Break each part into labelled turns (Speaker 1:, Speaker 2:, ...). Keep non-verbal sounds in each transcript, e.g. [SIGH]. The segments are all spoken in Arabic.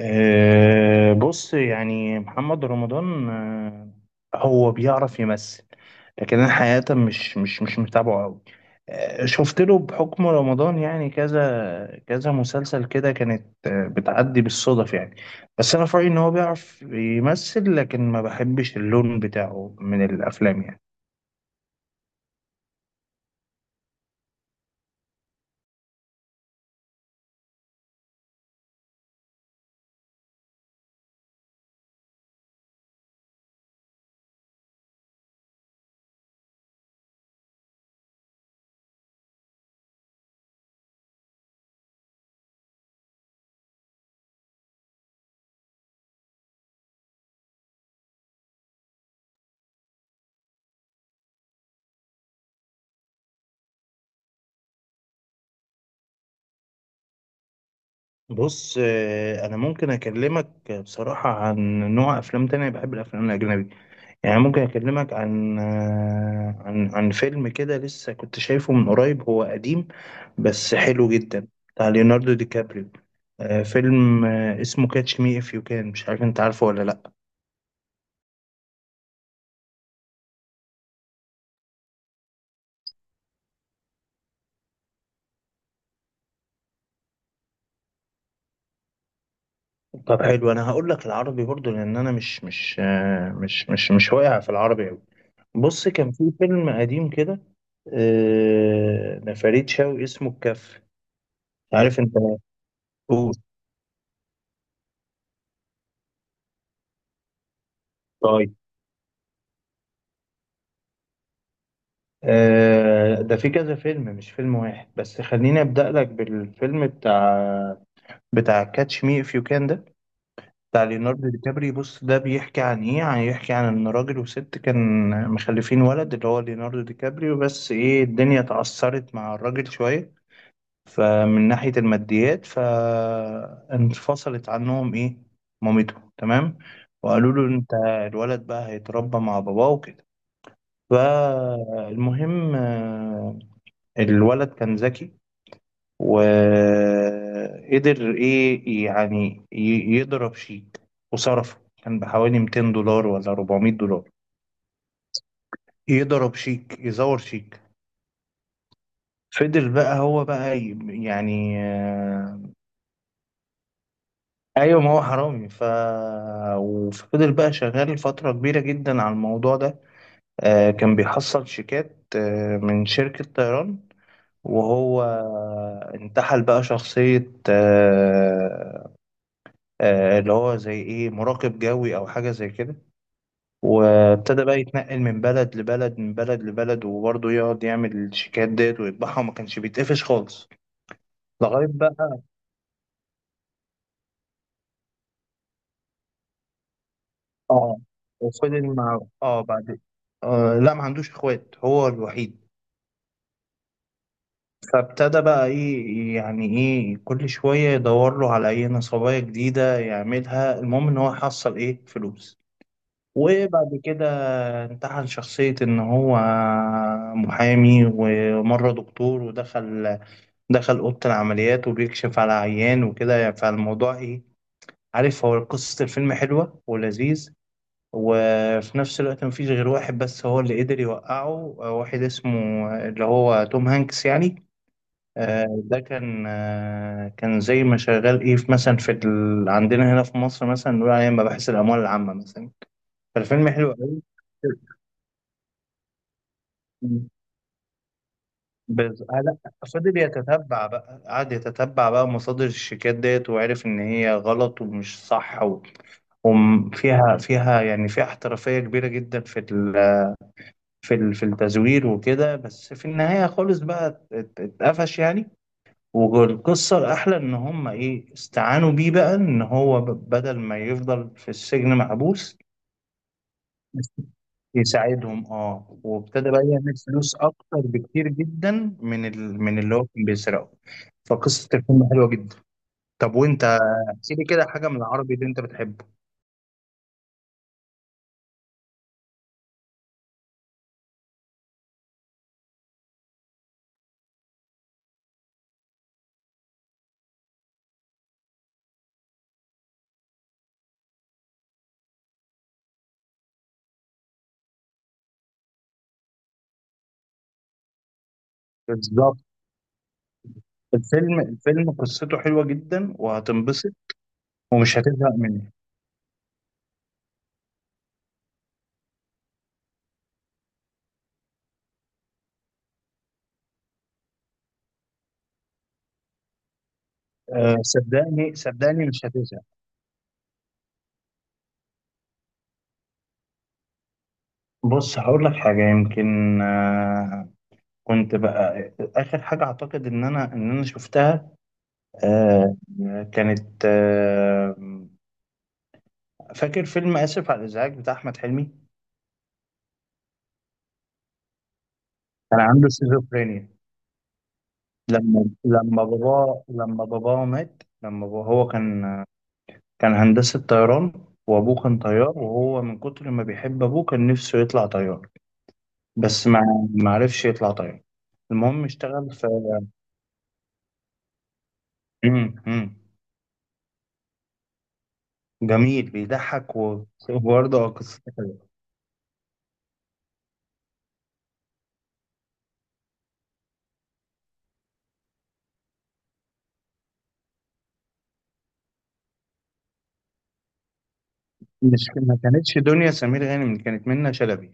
Speaker 1: بص، يعني محمد رمضان هو بيعرف يمثل. لكن انا حقيقة مش متابعه قوي. شفت له بحكم رمضان، يعني كذا كذا مسلسل كده كانت بتعدي بالصدف يعني. بس انا في رأيي ان هو بيعرف يمثل، لكن ما بحبش اللون بتاعه من الافلام يعني. بص، انا ممكن اكلمك بصراحة عن نوع افلام تانية، بحب الافلام الاجنبي. يعني ممكن أكلمك عن فيلم كده لسه كنت شايفه من قريب، هو قديم بس حلو جدا. بتاع ليوناردو دي كابريو. فيلم اسمه كاتش مي اف يو كان، مش عارف انت عارفه ولا لا؟ طب حلو، انا هقول لك العربي برضو، لان انا مش مش آه، مش مش مش واقع في العربي قوي. بص كان في فيلم قديم كده لفريد شوقي اسمه الكف، عارف انت؟ أوه. طيب، ده في كذا فيلم مش فيلم واحد، بس خليني أبدأ لك بالفيلم بتاع كاتش مي إف يو كان ده. بتاع ليوناردو دي كابري. بص ده بيحكي عن إيه، يعني يحكي عن إن راجل وست كان مخلفين ولد اللي هو ليوناردو دي كابري. بس إيه، الدنيا اتعثرت مع الراجل شوية، فمن ناحية الماديات فانفصلت عنهم، إيه، مامته، تمام. وقالوا له أنت الولد بقى هيتربى مع باباه وكده. فالمهم، الولد كان ذكي، وقدر ايه، يعني يضرب شيك، وصرفه كان بحوالي 200 دولار ولا 400 دولار. يضرب شيك، يزور شيك. فضل بقى هو بقى ايوه، ما هو حرامي. وفضل بقى شغال فترة كبيرة جدا على الموضوع ده. كان بيحصل شيكات من شركة طيران. وهو انتحل بقى شخصية اللي هو زي ايه، مراقب جوي او حاجة زي كده. وابتدى بقى يتنقل من بلد لبلد، من بلد لبلد، وبرضه يقعد يعمل الشيكات ديت ويطبعها، وما كانش بيتقفش خالص لغاية بقى. اه. وفضل مع بعد. آه، لا، ما عندوش اخوات، هو الوحيد. فابتدى بقى ايه، يعني ايه، كل شوية يدور له على اي نصباية جديدة يعملها. المهم ان هو حصل ايه، فلوس. وبعد كده امتحن شخصية إن هو محامي، ومرة دكتور، ودخل أوضة العمليات وبيكشف على عيان وكده. فالموضوع إيه، عارف، هو قصة الفيلم حلوة ولذيذ. وفي نفس الوقت مفيش غير واحد بس هو اللي قدر يوقعه، واحد اسمه اللي هو توم هانكس يعني. ده كان زي ما شغال ايه، في مثلا عندنا هنا في مصر مثلا نقول عليه مباحث الاموال العامه مثلا. فالفيلم حلو قوي. بس لا. فضل يتتبع بقى، قعد يتتبع بقى مصادر الشيكات ديت، وعرف ان هي غلط ومش صح وفيها فيها يعني فيها احترافية كبيرة جدا في التزوير وكده، بس في النهاية خالص بقى اتقفش يعني. والقصة الأحلى إن هم إيه استعانوا بيه بقى، إن هو بدل ما يفضل في السجن محبوس يساعدهم. اه. وابتدى بقى يعمل فلوس اكتر بكتير جدا من اللي هو كان بيسرقه. فقصة الفيلم حلوة جدا. طب، وانت احكي لي كده حاجة من العربي اللي انت بتحبه. بالظبط. الفيلم قصته حلوة جدا، وهتنبسط ومش هتزهق منه. صدقني صدقني، مش هتزهق. بص، هقول لك حاجة يمكن. كنت بقى آخر حاجة، أعتقد إن أنا شفتها. أه كانت فاكر فيلم "آسف على الإزعاج" بتاع أحمد حلمي. كان عنده سيزوفرينيا. لما باباه مات، لما بابا هو كان هندسة طيران. وأبوه كان طيار، وهو من كتر ما بيحب أبوه كان نفسه يطلع طيار. بس ما عرفش يطلع طيار. المهم اشتغل في. [CLEARS THROAT] مم، مم. جميل، بيضحك وبرضه قصته حلوه. مش، ما كانتش دنيا سمير غانم، كانت منة شلبي.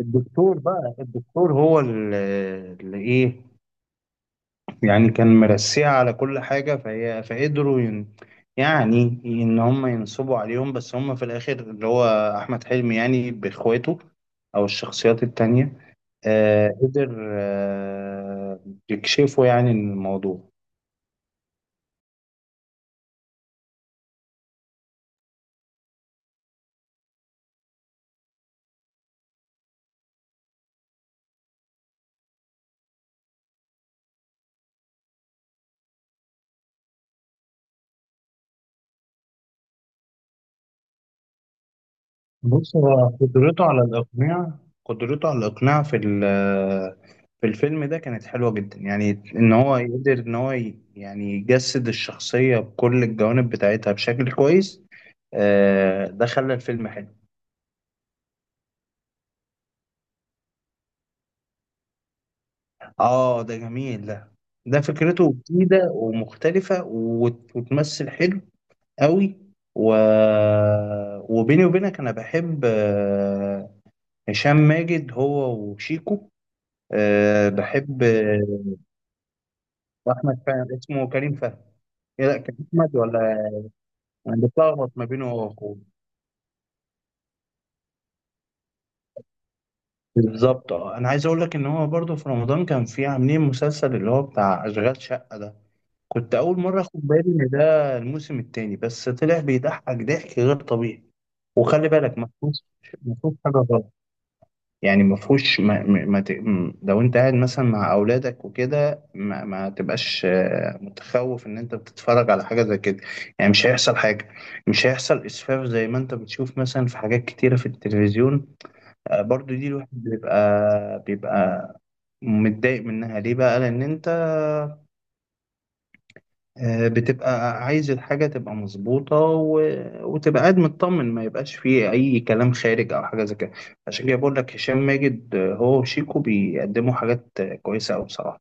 Speaker 1: الدكتور هو اللي ايه، يعني كان مرسيها على كل حاجة، فهي يعني إن هم ينصبوا عليهم، بس هم في الآخر اللي هو أحمد حلمي يعني بإخواته أو الشخصيات التانية قدر يكشفوا يعني الموضوع. بص، هو قدرته على الإقناع، قدرته على الإقناع في الفيلم ده كانت حلوة جدا يعني. إن هو يقدر إن هو يعني يجسد الشخصية بكل الجوانب بتاعتها بشكل كويس. ده خلى الفيلم حلو. اه، ده جميل ده. ده فكرته جديدة ومختلفة وتمثل حلو قوي. و... وبيني وبينك انا بحب هشام ماجد هو وشيكو، بحب احمد فهمي، اسمه كريم فهمي. إيه، لا، كان احمد ولا؟ انا بتلخبط ما بينه هو واخوه. بالظبط. اه، انا عايز اقول لك ان هو برضه في رمضان كان في عاملين مسلسل اللي هو بتاع "اشغال شقة" ده. كنت أول مرة أخد بالي إن ده الموسم التاني، بس طلع بيضحك ضحك غير طبيعي. وخلي بالك، ما فيهوش حاجة غلط. يعني ما فيهوش. ما... ما... ما ت... م- لو أنت قاعد مثلا مع أولادك وكده، ما تبقاش متخوف إن أنت بتتفرج على حاجة زي كده. يعني مش هيحصل حاجة، مش هيحصل إسفاف زي ما أنت بتشوف مثلا في حاجات كتيرة في التلفزيون. برضو دي الواحد بيبقى متضايق منها ليه بقى، لأن أنت بتبقى عايز الحاجة تبقى مظبوطة وتبقى قاعد مطمن، ما يبقاش فيه أي كلام خارج أو حاجة زي كده. عشان كده بقول لك، هشام ماجد هو وشيكو بيقدموا حاجات كويسة أوي بصراحة.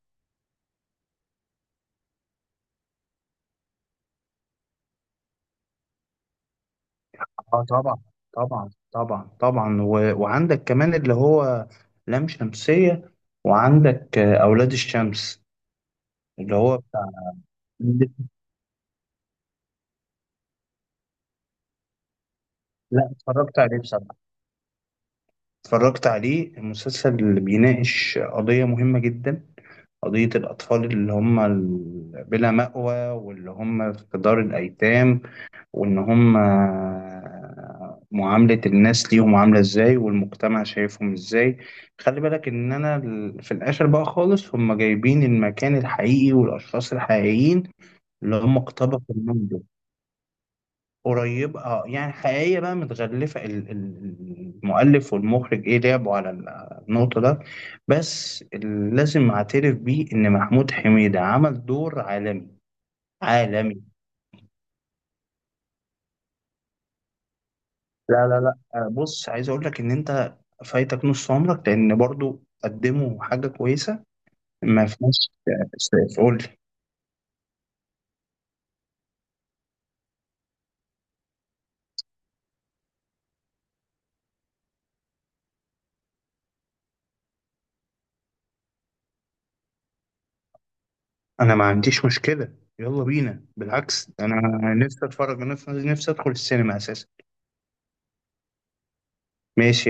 Speaker 1: اه، طبعا طبعا طبعا طبعا. وعندك كمان اللي هو "لام شمسية"، وعندك "أولاد الشمس" اللي هو بتاع. لا، اتفرجت عليه بصراحة، اتفرجت عليه، المسلسل اللي بيناقش قضية مهمة جدا. قضية الأطفال اللي هم بلا مأوى، واللي هم في دار الأيتام. وإن هم، معاملة الناس ليهم عاملة إزاي، والمجتمع شايفهم إزاي. خلي بالك إن أنا في الآخر بقى خالص هم جايبين المكان الحقيقي والأشخاص الحقيقيين اللي هم اقتبسوا منهم. قريب، اه، يعني حقيقية بقى، متغلفة. المؤلف والمخرج ايه لعبوا على النقطة ده. بس لازم اعترف بيه ان محمود حميدة عمل دور عالمي. عالمي. لا لا لا. بص، عايز اقول لك ان انت فايتك نص عمرك، لان برضو قدموا حاجة كويسة. ما فيش. قول لي. انا ما عنديش مشكلة، يلا بينا، بالعكس انا نفسي اتفرج، انا نفسي نفسي ادخل السينما اساسا. ماشي.